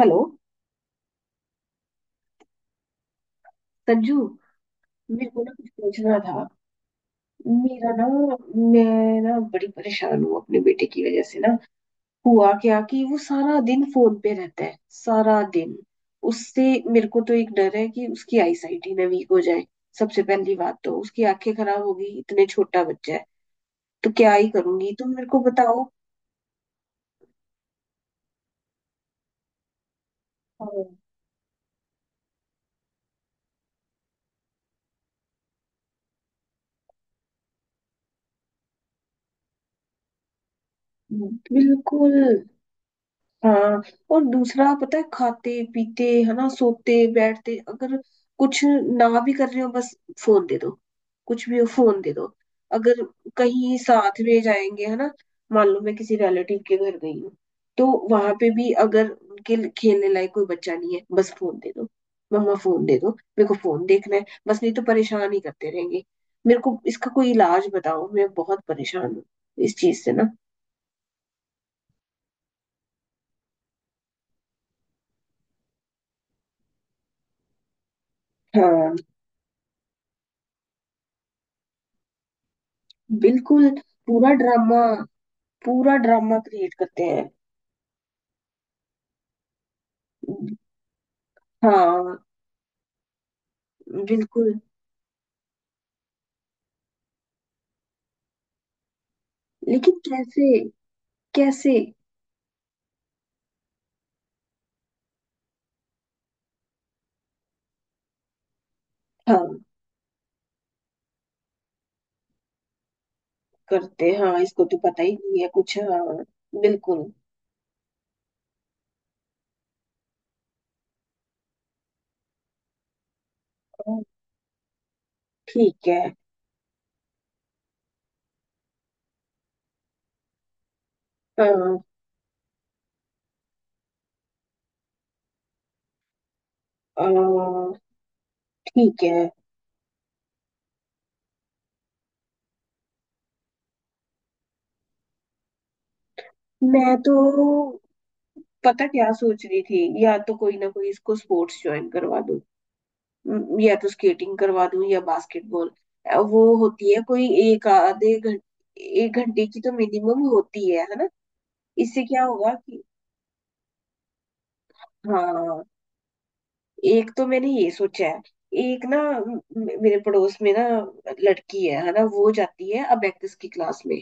Hello. Sanju, मेरे को ना कुछ पूछना था। मेरा ना, मैं ना बड़ी परेशान हूँ अपने बेटे की वजह से ना। हुआ क्या कि वो सारा दिन फोन पे रहता है सारा दिन। उससे मेरे को तो एक डर है कि उसकी आईसाइट ही ना वीक हो जाए। सबसे पहली बात तो उसकी आंखें खराब होगी, इतने छोटा बच्चा है। तो क्या ही करूंगी, तुम मेरे को बताओ। हाँ, बिल्कुल। हाँ। और दूसरा पता है खाते पीते है ना सोते बैठते, अगर कुछ ना भी कर रहे हो बस फोन दे दो। कुछ भी हो फोन दे दो। अगर कहीं साथ में जाएंगे है ना, मान लो मैं किसी रिलेटिव के घर गई हूँ, तो वहां पे भी अगर उनके लिए खेलने लायक कोई बच्चा नहीं है, बस फोन दे दो। मम्मा फोन दे दो, मेरे को फोन देखना है, बस नहीं तो परेशान ही करते रहेंगे। मेरे को इसका कोई इलाज बताओ, मैं बहुत परेशान हूँ इस चीज से ना। हाँ बिल्कुल। पूरा ड्रामा। पूरा ड्रामा क्रिएट करते हैं। हाँ बिल्कुल। लेकिन कैसे? कैसे? हाँ, करते। हाँ, इसको तो पता ही नहीं है कुछ। हाँ बिल्कुल। हाँ, ठीक है। हाँ। हाँ, ठीक है। मैं तो पता क्या सोच रही थी, या तो कोई ना कोई इसको स्पोर्ट्स ज्वाइन करवा दूं। या तो स्केटिंग करवा दूं या बास्केटबॉल। वो होती है कोई एक आधे घंटे 1 घंटे की तो मिनिमम होती है ना। इससे क्या होगा कि। हाँ, एक तो मैंने ये सोचा है। एक ना मेरे पड़ोस में ना लड़की है ना, वो जाती है अबेकस की क्लास में।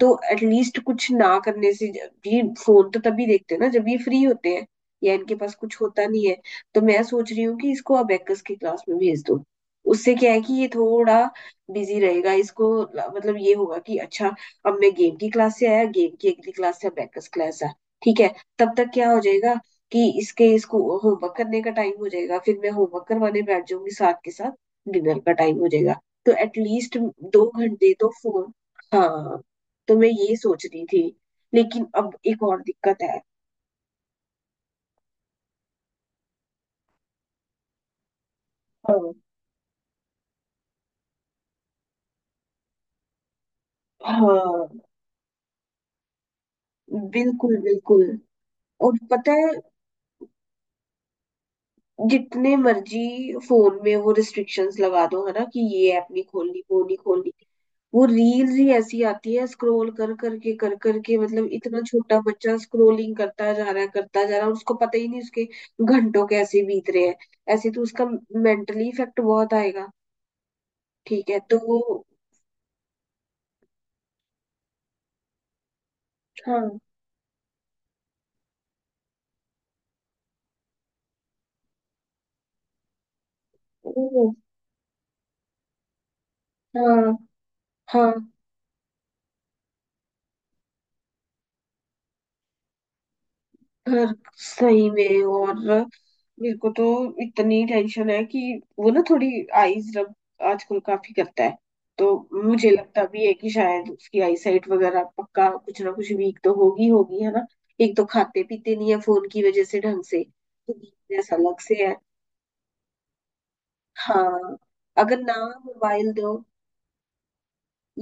तो एटलीस्ट कुछ ना करने से ये फोन तो तभी देखते हैं ना जब ये फ्री होते हैं, या इनके पास कुछ होता नहीं है। तो मैं सोच रही हूँ कि इसको अबेकस की क्लास में भेज दूँ। उससे क्या है कि ये थोड़ा बिजी रहेगा, इसको मतलब ये होगा कि अच्छा, अब मैं गेम की क्लास से आया, गेम की अगली क्लास से अबेकस क्लास है, ठीक है। तब तक क्या हो जाएगा कि इसके इसको होमवर्क करने का टाइम हो जाएगा, फिर मैं होमवर्क करवाने बैठ जाऊंगी साथ के साथ। डिनर का टाइम हो जाएगा। तो एटलीस्ट 2 घंटे तो फोन। हाँ, तो मैं ये सोच रही थी। लेकिन अब एक और दिक्कत है। हाँ। हाँ बिल्कुल बिल्कुल। और पता है जितने मर्जी फोन में वो रिस्ट्रिक्शंस लगा दो है ना, कि ये ऐप नहीं खोलनी, वो नहीं खोलनी। वो रील्स ही ऐसी आती है, स्क्रॉल कर करके कर करके, मतलब इतना छोटा बच्चा स्क्रोलिंग करता जा रहा है, करता जा रहा है, उसको पता ही नहीं उसके घंटों कैसे बीत रहे हैं। ऐसे तो उसका मेंटली इफेक्ट बहुत आएगा। ठीक है तो वो। हाँ। ओ। हाँ। हाँ। यार सही में। और मेरे को तो इतनी टेंशन है कि वो ना थोड़ी आईज रब आजकल काफी करता है। तो मुझे लगता भी है कि शायद उसकी आई साइट वगैरह पक्का कुछ ना कुछ वीक तो होगी होगी, है ना। एक तो खाते पीते नहीं है फोन की वजह से ढंग से, तो weakness अलग से है। हाँ, अगर ना मोबाइल दो,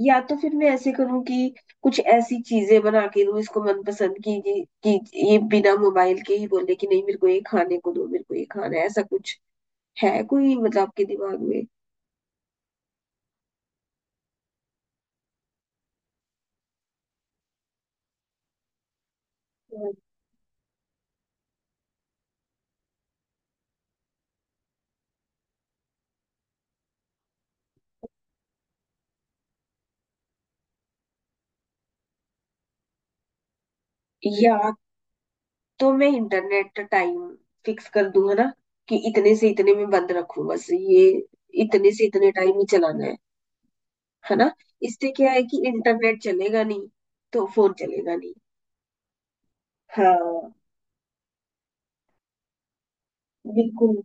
या तो फिर मैं ऐसे करूं कि कुछ ऐसी चीजें बना के दूं इसको मनपसंद की, कि ये बिना मोबाइल के ही बोले कि नहीं, मेरे को ये खाने को दो, मेरे को ये खाना है, ऐसा कुछ है कोई मतलब आपके दिमाग में। या तो मैं इंटरनेट का टाइम फिक्स कर दूं, है ना, कि इतने से इतने में बंद रखूं, बस ये इतने से इतने टाइम ही चलाना है ना। इससे क्या है कि इंटरनेट चलेगा नहीं, तो फोन चलेगा नहीं। हाँ बिल्कुल।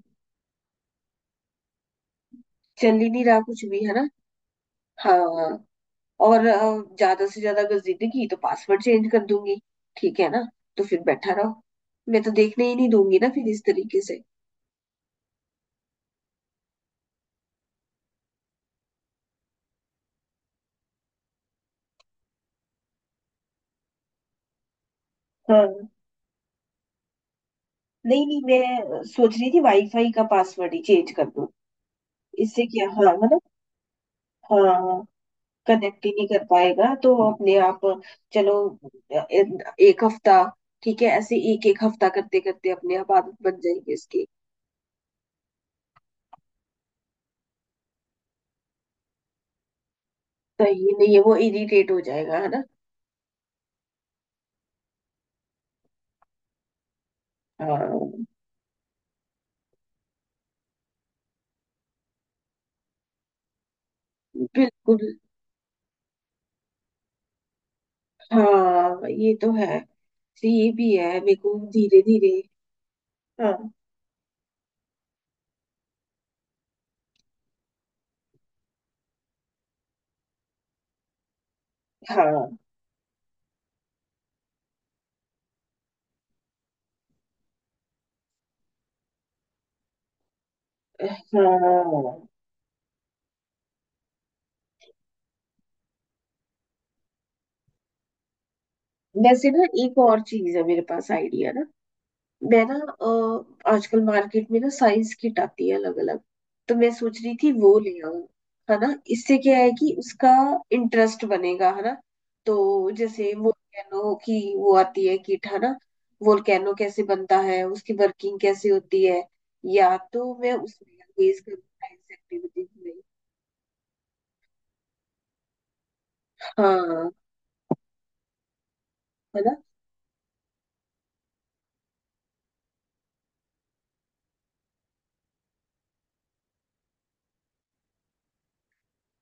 चल ही नहीं रहा कुछ भी, है ना। हाँ, और ज्यादा से ज्यादा अगर जिंदगी तो पासवर्ड चेंज कर दूंगी, ठीक है ना। तो फिर बैठा रहो, मैं तो देखने ही नहीं दूंगी ना फिर इस तरीके से। हाँ। नहीं नहीं, मैं सोच रही थी वाईफाई का पासवर्ड ही चेंज कर दूं। इससे क्या, हाँ, है ना। हाँ। कनेक्ट ही नहीं कर पाएगा तो अपने आप। चलो अ, ए- 1 हफ्ता, ठीक है। ऐसे 1-1 हफ्ता करते करते अपने आप आदत बन जाएगी इसकी। सही नहीं है, वो इरिटेट हो जाएगा, है ना। हाँ बिल्कुल। हाँ ये तो है, तो ये भी है मेरे को धीरे धीरे। हाँ। हाँ। हाँ। वैसे ना एक और चीज है मेरे पास आइडिया ना। मैं ना आजकल मार्केट में ना साइज किट आती है अलग अलग। तो मैं सोच रही थी वो ले आऊं, है ना। इससे क्या है कि उसका इंटरेस्ट बनेगा, है ना। तो जैसे वोल्केनो की वो आती है किट, है ना। वोल्केनो कैसे बनता है, उसकी वर्किंग कैसे होती है, या तो मैं उसमें एंगेज करूँ साइंस एक्टिविटीज में। हाँ है ना।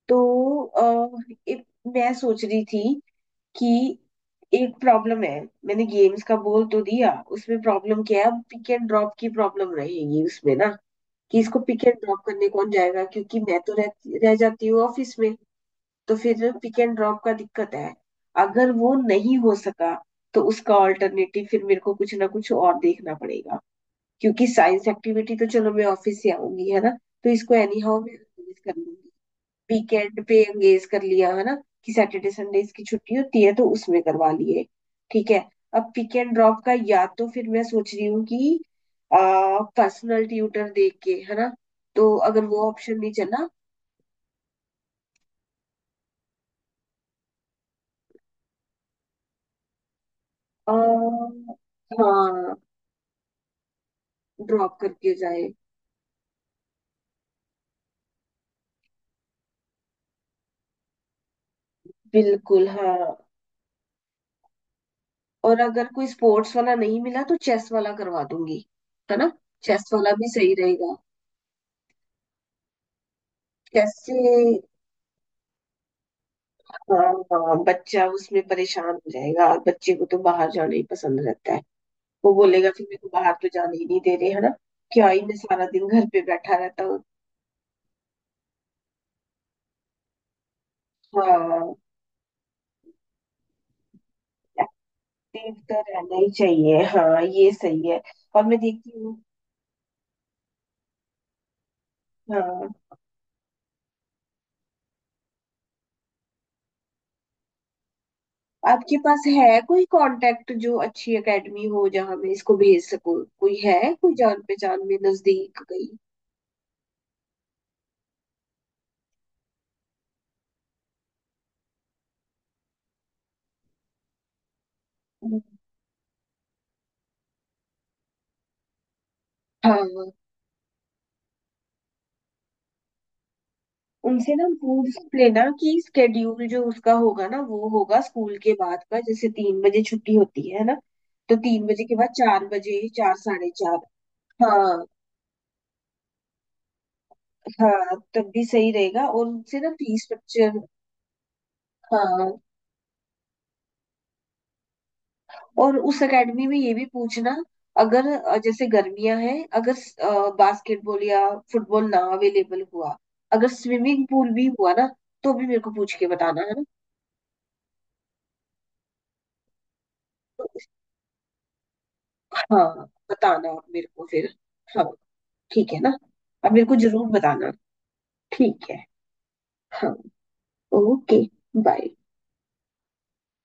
तो अ, एक- मैं सोच रही थी कि एक प्रॉब्लम है। मैंने गेम्स का बोल तो दिया, उसमें प्रॉब्लम क्या है, अब पिक एंड ड्रॉप की प्रॉब्लम रहेगी उसमें ना, कि इसको पिक एंड ड्रॉप करने कौन जाएगा, क्योंकि मैं तो रह जाती हूँ ऑफिस में। तो फिर पिक एंड ड्रॉप का दिक्कत है। अगर वो नहीं हो सका, तो उसका ऑल्टरनेटिव फिर मेरे को कुछ ना कुछ और देखना पड़ेगा। क्योंकि साइंस एक्टिविटी तो चलो मैं ऑफिस से आऊंगी, है ना, तो इसको एनी हाउ मैं arrange कर लूंगी। वीकेंड पे एंगेज कर लिया है ना, कि सैटरडे संडे इसकी छुट्टी होती है, तो उसमें करवा लिए। ठीक है। अब पिक एंड ड्रॉप का, या तो फिर मैं सोच रही हूँ कि पर्सनल ट्यूटर देख के, है ना। तो अगर वो ऑप्शन नहीं चला। आ, हाँ, ड्रॉप करके जाए। बिल्कुल हाँ। और अगर कोई स्पोर्ट्स वाला नहीं मिला तो चेस वाला करवा दूंगी, है ना। चेस वाला भी सही रहेगा। चेस से हाँ। हाँ, बच्चा उसमें परेशान हो जाएगा, और बच्चे को तो बाहर जाना ही पसंद रहता है। वो बोलेगा कि मेरे को बाहर तो जाने ही नहीं दे रहे, है ना, क्या ही मैं सारा दिन घर पे बैठा रहता हूँ। हाँ, एक्टिव तो रहना ही चाहिए, हाँ ये सही है। और मैं देखती हूँ। हाँ, आपके पास है कोई कांटेक्ट जो अच्छी एकेडमी हो जहाँ मैं इसको भेज सकूँ? कोई है कोई जान पहचान में नजदीक कहीं? हाँ, उनसे ना हम पूछ लेना कि स्केड्यूल जो उसका होगा ना वो होगा स्कूल के बाद का, जैसे 3 बजे छुट्टी होती है ना। तो 3 बजे के बाद 4 बजे, चार साढ़े 4। हाँ। हाँ, तब भी सही रहेगा, और उनसे ना फीस स्ट्रक्चर। हाँ, और उस एकेडमी में ये भी पूछना, अगर जैसे गर्मियां हैं, अगर बास्केटबॉल या फुटबॉल ना अवेलेबल हुआ, अगर स्विमिंग पूल भी हुआ ना, तो भी मेरे को पूछ के बताना, है ना। तो, हाँ, बताना आप मेरे को फिर। हाँ, ठीक है ना, अब मेरे को जरूर बताना। ठीक है। हाँ। ओके। बाय।